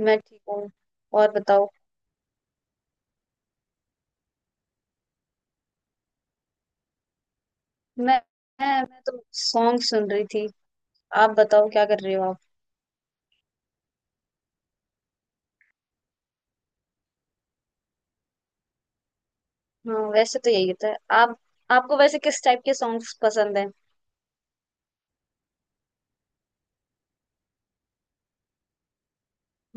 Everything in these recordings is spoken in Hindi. मैं ठीक हूँ। और बताओ। मैं मैं तो सॉन्ग सुन रही थी। आप बताओ क्या कर रहे हो आप? हाँ, वैसे तो यही होता है। आप, आपको वैसे किस टाइप के सॉन्ग्स पसंद हैं?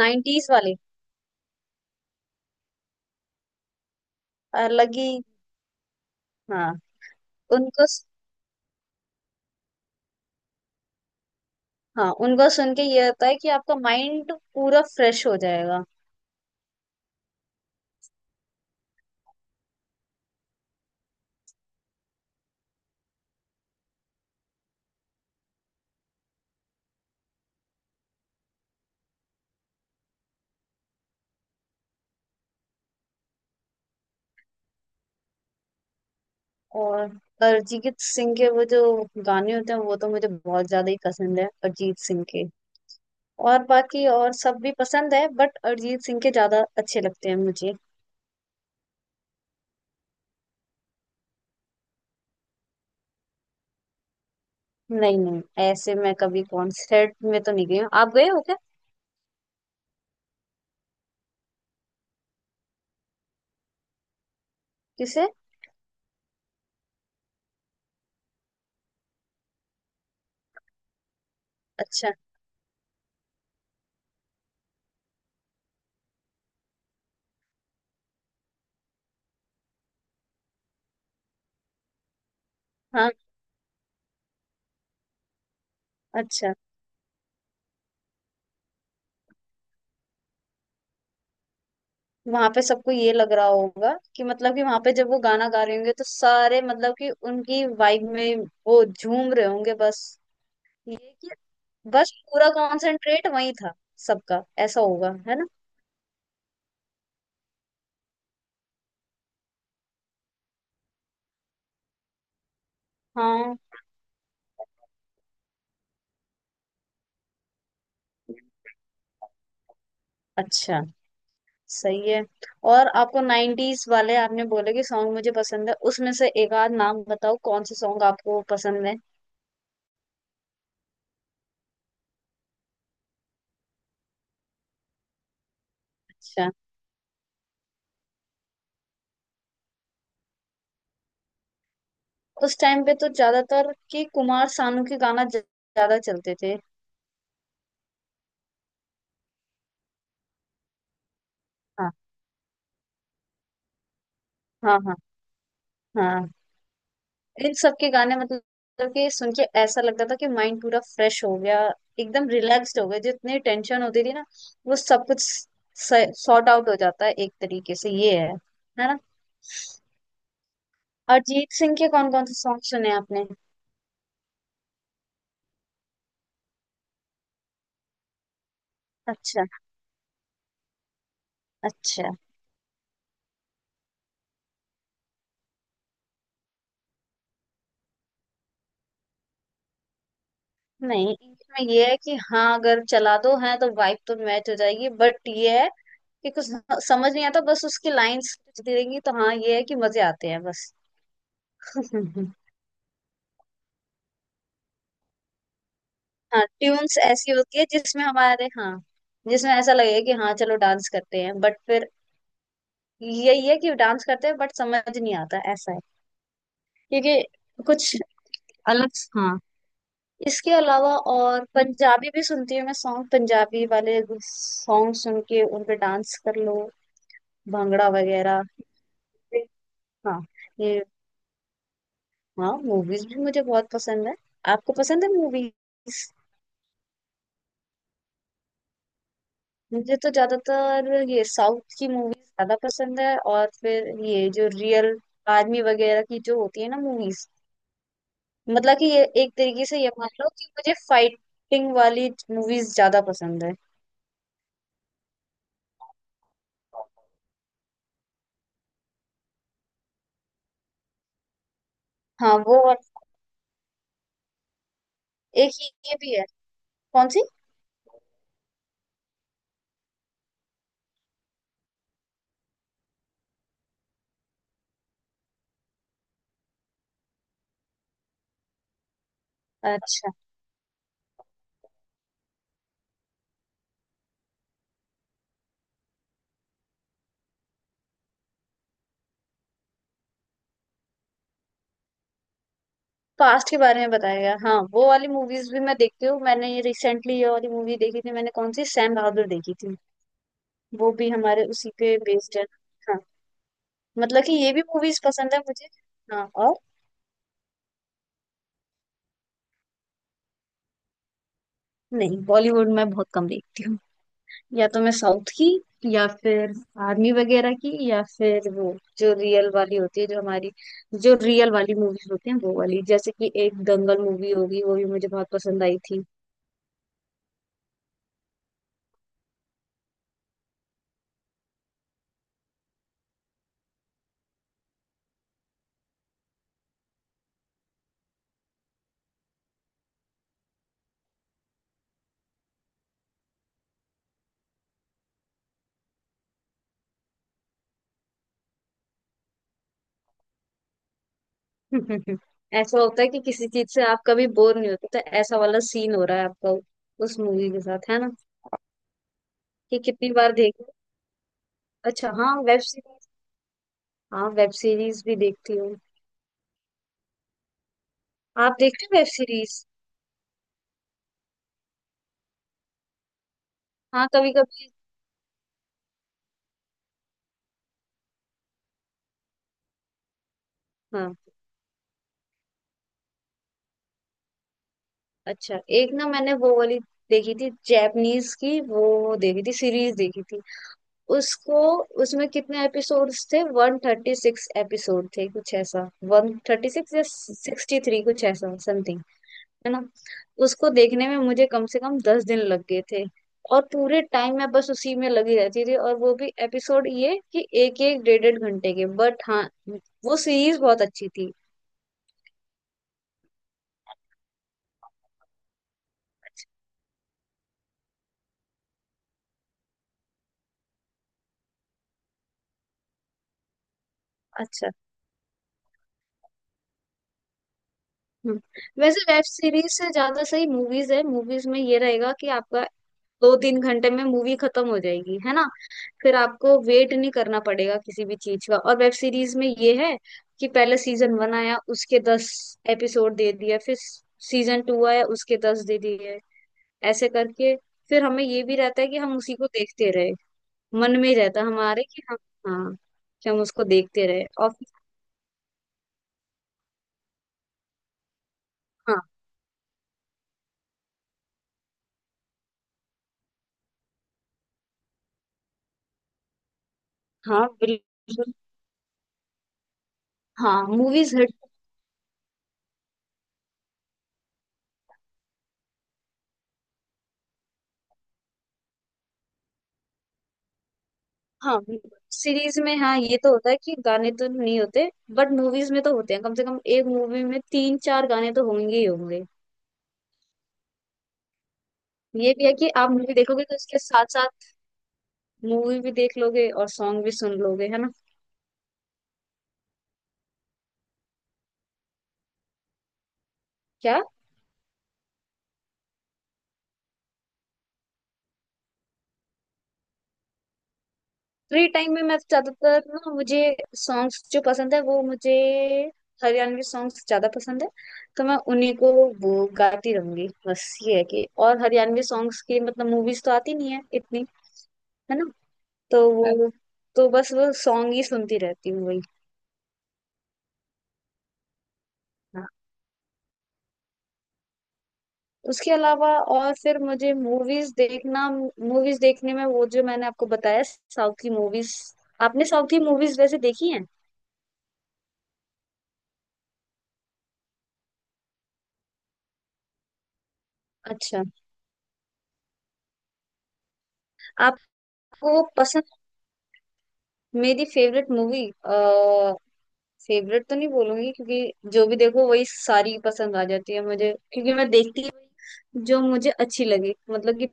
नाइन्टीज वाले। अलग ही। हाँ, उनको। हाँ, उनको सुन के ये होता है कि आपका माइंड पूरा फ्रेश हो जाएगा। और अरिजीत सिंह के वो जो गाने होते हैं वो तो मुझे बहुत ज्यादा ही पसंद है, अरिजीत सिंह के। और बाकी और सब भी पसंद है, बट अरिजीत सिंह के ज्यादा अच्छे लगते हैं मुझे। नहीं नहीं, ऐसे मैं कभी कॉन्सर्ट में तो नहीं गई हूँ। आप गए हो क्या? किसे? अच्छा। हाँ। अच्छा। वहां पे सबको ये लग रहा होगा कि मतलब कि वहां पे जब वो गाना गा रहे होंगे तो सारे मतलब कि उनकी वाइब में वो झूम रहे होंगे बस। ये कि बस पूरा कॉन्सेंट्रेट वही था, सबका ऐसा होगा, है ना? हाँ। अच्छा। सही है। और आपको नाइन्टीज वाले आपने बोले कि सॉन्ग मुझे पसंद है, उसमें से एक आध नाम बताओ, कौन से सॉन्ग आपको पसंद है? उस टाइम पे तो ज्यादातर कि कुमार सानू के गाना ज्यादा चलते थे। हाँ। हाँ। हाँ। हाँ। इन सब के गाने मतलब कि सुन के ऐसा लगता था कि माइंड पूरा फ्रेश हो गया, एकदम रिलैक्स्ड हो गया। जितनी टेंशन होती थी ना वो सब कुछ सॉर्ट आउट हो जाता है एक तरीके से। ये है ना? अरिजीत सिंह के कौन कौन से सॉन्ग सुने आपने? अच्छा। अच्छा। नहीं, इनमें ये है कि हाँ अगर चला दो है तो वाइब तो मैच हो जाएगी, बट ये है कि कुछ समझ नहीं आता बस उसकी लाइंस देंगी तो। हाँ, ये है कि मजे आते हैं बस। हाँ, ट्यून्स ऐसी होती है जिसमें हमारे, हाँ, जिसमें ऐसा लगे कि हाँ चलो डांस करते हैं, बट फिर यही है कि डांस करते हैं बट समझ नहीं आता, ऐसा है। क्योंकि कुछ अलग। हाँ। इसके अलावा और पंजाबी भी सुनती हूँ मैं, सॉन्ग पंजाबी वाले सॉन्ग सुन के उन पे डांस कर लो। भांगड़ा वगैरह। हाँ। ये। हाँ, मूवीज भी मुझे बहुत पसंद है। आपको पसंद है मूवीज? मुझे तो ज्यादातर ये साउथ की मूवीज ज्यादा पसंद है, और फिर ये जो रियल आर्मी वगैरह की जो होती है ना मूवीज, मतलब कि ये एक तरीके से ये मान लो कि मुझे फाइटिंग वाली मूवीज ज्यादा पसंद है। हाँ वो। और एक ये भी है। कौन सी? अच्छा। पास्ट के बारे में बताया गया, हाँ, वो वाली मूवीज भी मैं देखती हूँ। मैंने ये रिसेंटली ये वाली मूवी देखी थी मैंने, कौन सी, सैम बहादुर देखी थी। वो भी हमारे उसी पे बेस्ड है। हाँ। मतलब कि ये भी मूवीज पसंद है मुझे। हाँ। और नहीं, बॉलीवुड मैं बहुत कम देखती हूँ। या तो मैं साउथ की, या फिर आर्मी वगैरह की, या फिर वो जो रियल वाली होती है जो हमारी, जो रियल वाली मूवीज होती हैं वो वाली। जैसे कि एक दंगल मूवी होगी वो भी मुझे बहुत पसंद आई थी। ऐसा होता है कि किसी चीज से आप कभी बोर नहीं होते तो ऐसा वाला सीन हो रहा है आपका उस मूवी के साथ, है ना? कि कितनी बार देखो। अच्छा। हाँ, वेब सीरीज। हाँ, वेब सीरीज भी देखती हूँ। आप देखते हो वेब सीरीज? हाँ, कभी कभी। हाँ। अच्छा, एक ना मैंने वो वाली देखी थी जैपनीज की, वो देखी थी सीरीज देखी थी उसको। उसमें कितने एपिसोड्स थे, 136 एपिसोड थे कुछ ऐसा, 136 या 63 कुछ ऐसा समथिंग, है ना? उसको देखने में मुझे कम से कम 10 दिन लग गए थे, और पूरे टाइम मैं बस उसी में लगी रहती थी। और वो भी एपिसोड ये कि एक एक डेढ़ डेढ़ घंटे के, बट हाँ वो सीरीज बहुत अच्छी थी। अच्छा। हम्म। वैसे वेब सीरीज से ज्यादा सही मूवीज है। मूवीज में ये रहेगा कि आपका दो तीन घंटे में मूवी खत्म हो जाएगी, है ना? फिर आपको वेट नहीं करना पड़ेगा किसी भी चीज का। और वेब सीरीज में ये है कि पहले सीजन 1 आया उसके दस एपिसोड दे दिया, फिर सीजन 2 आया उसके दस दे दिए, ऐसे करके। फिर हमें ये भी रहता है कि हम उसी को देखते रहे। मन में रहता है हमारे कि हम, हाँ, कि हम उसको देखते रहे और हाँ। हाँ। बिल्कुल। हाँ, मूवीज हिट। हाँ। सीरीज में हाँ ये तो होता है कि गाने तो नहीं होते बट मूवीज में तो होते हैं, कम से कम एक मूवी में तीन चार गाने तो होंगे ही होंगे। ये भी है कि आप मूवी देखोगे तो इसके साथ साथ मूवी भी देख लोगे और सॉन्ग भी सुन लोगे, है ना? क्या? फ्री टाइम में मैं ज्यादातर ना, मुझे सॉन्ग्स जो पसंद है वो मुझे, हरियाणवी सॉन्ग्स ज्यादा पसंद है। तो मैं उन्हीं को वो गाती रहूंगी बस, ये है कि और हरियाणवी सॉन्ग्स की मतलब मूवीज तो आती नहीं है इतनी, है ना? तो वो, तो बस वो सॉन्ग ही सुनती रहती हूँ वही। हाँ। उसके अलावा और फिर मुझे मूवीज देखना, मूवीज देखने में वो जो मैंने आपको बताया साउथ की मूवीज। आपने साउथ की मूवीज वैसे देखी हैं? अच्छा। आपको पसंद? मेरी फेवरेट मूवी, फेवरेट तो नहीं बोलूंगी, क्योंकि जो भी देखो वही सारी पसंद आ जाती है मुझे, क्योंकि मैं देखती हूँ जो मुझे अच्छी लगे, मतलब कि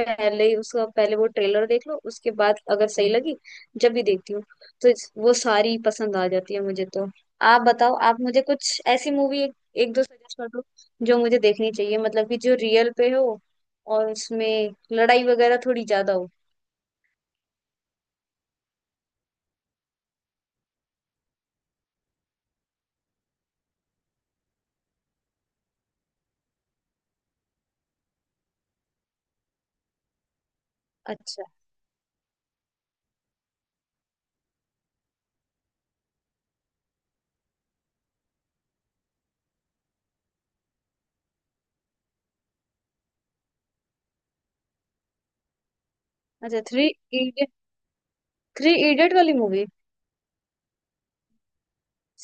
पहले ही उसका पहले वो ट्रेलर देख लो, उसके बाद अगर सही लगी, जब भी देखती हूँ तो वो सारी पसंद आ जाती है मुझे तो। आप बताओ, आप मुझे कुछ ऐसी मूवी एक दो सजेस्ट कर दो जो मुझे देखनी चाहिए, मतलब कि जो रियल पे हो और उसमें लड़ाई वगैरह थोड़ी ज्यादा हो। अच्छा। अच्छा, 3 Idiots। 3 Idiots वाली मूवी।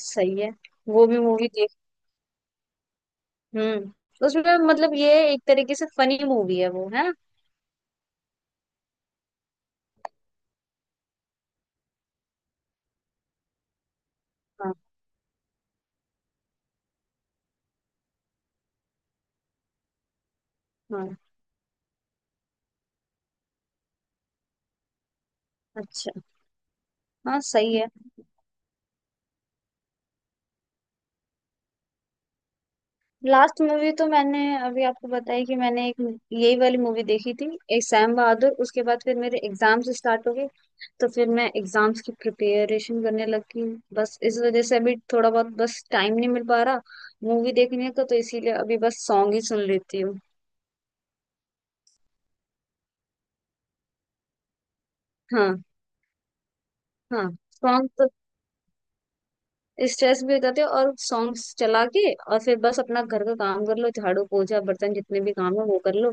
सही है। वो भी मूवी देख। हम्म, उसमें मतलब ये एक तरीके से फनी मूवी है वो, है ना? हाँ। हाँ। अच्छा। हाँ सही है। लास्ट मूवी तो मैंने, अभी आपको बताई कि मैंने एक यही वाली मूवी देखी थी, एक सैम बहादुर। उसके बाद फिर मेरे एग्जाम्स स्टार्ट हो गए तो फिर मैं एग्जाम्स की प्रिपरेशन करने लगी। बस इस वजह से अभी थोड़ा बहुत बस टाइम नहीं मिल पा रहा मूवी देखने का, तो इसीलिए अभी बस सॉन्ग ही सुन लेती हूँ। हाँ। हाँ, सॉन्ग तो स्ट्रेस भी बताते हैं, और सॉन्ग्स चला के और फिर बस अपना घर का काम कर लो, झाड़ू पोछा बर्तन जितने भी काम है वो कर लो।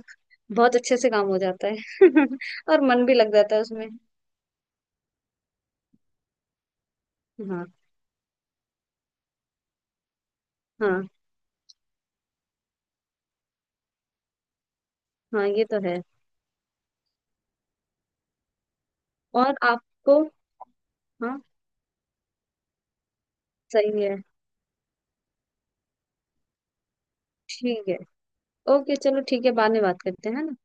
बहुत अच्छे से काम हो जाता है और मन भी लग जाता है उसमें। हाँ। हाँ। हाँ, ये तो है। और आपको। हाँ सही है। ठीक है। ओके चलो, ठीक है, बाद में बात करते हैं, है ना?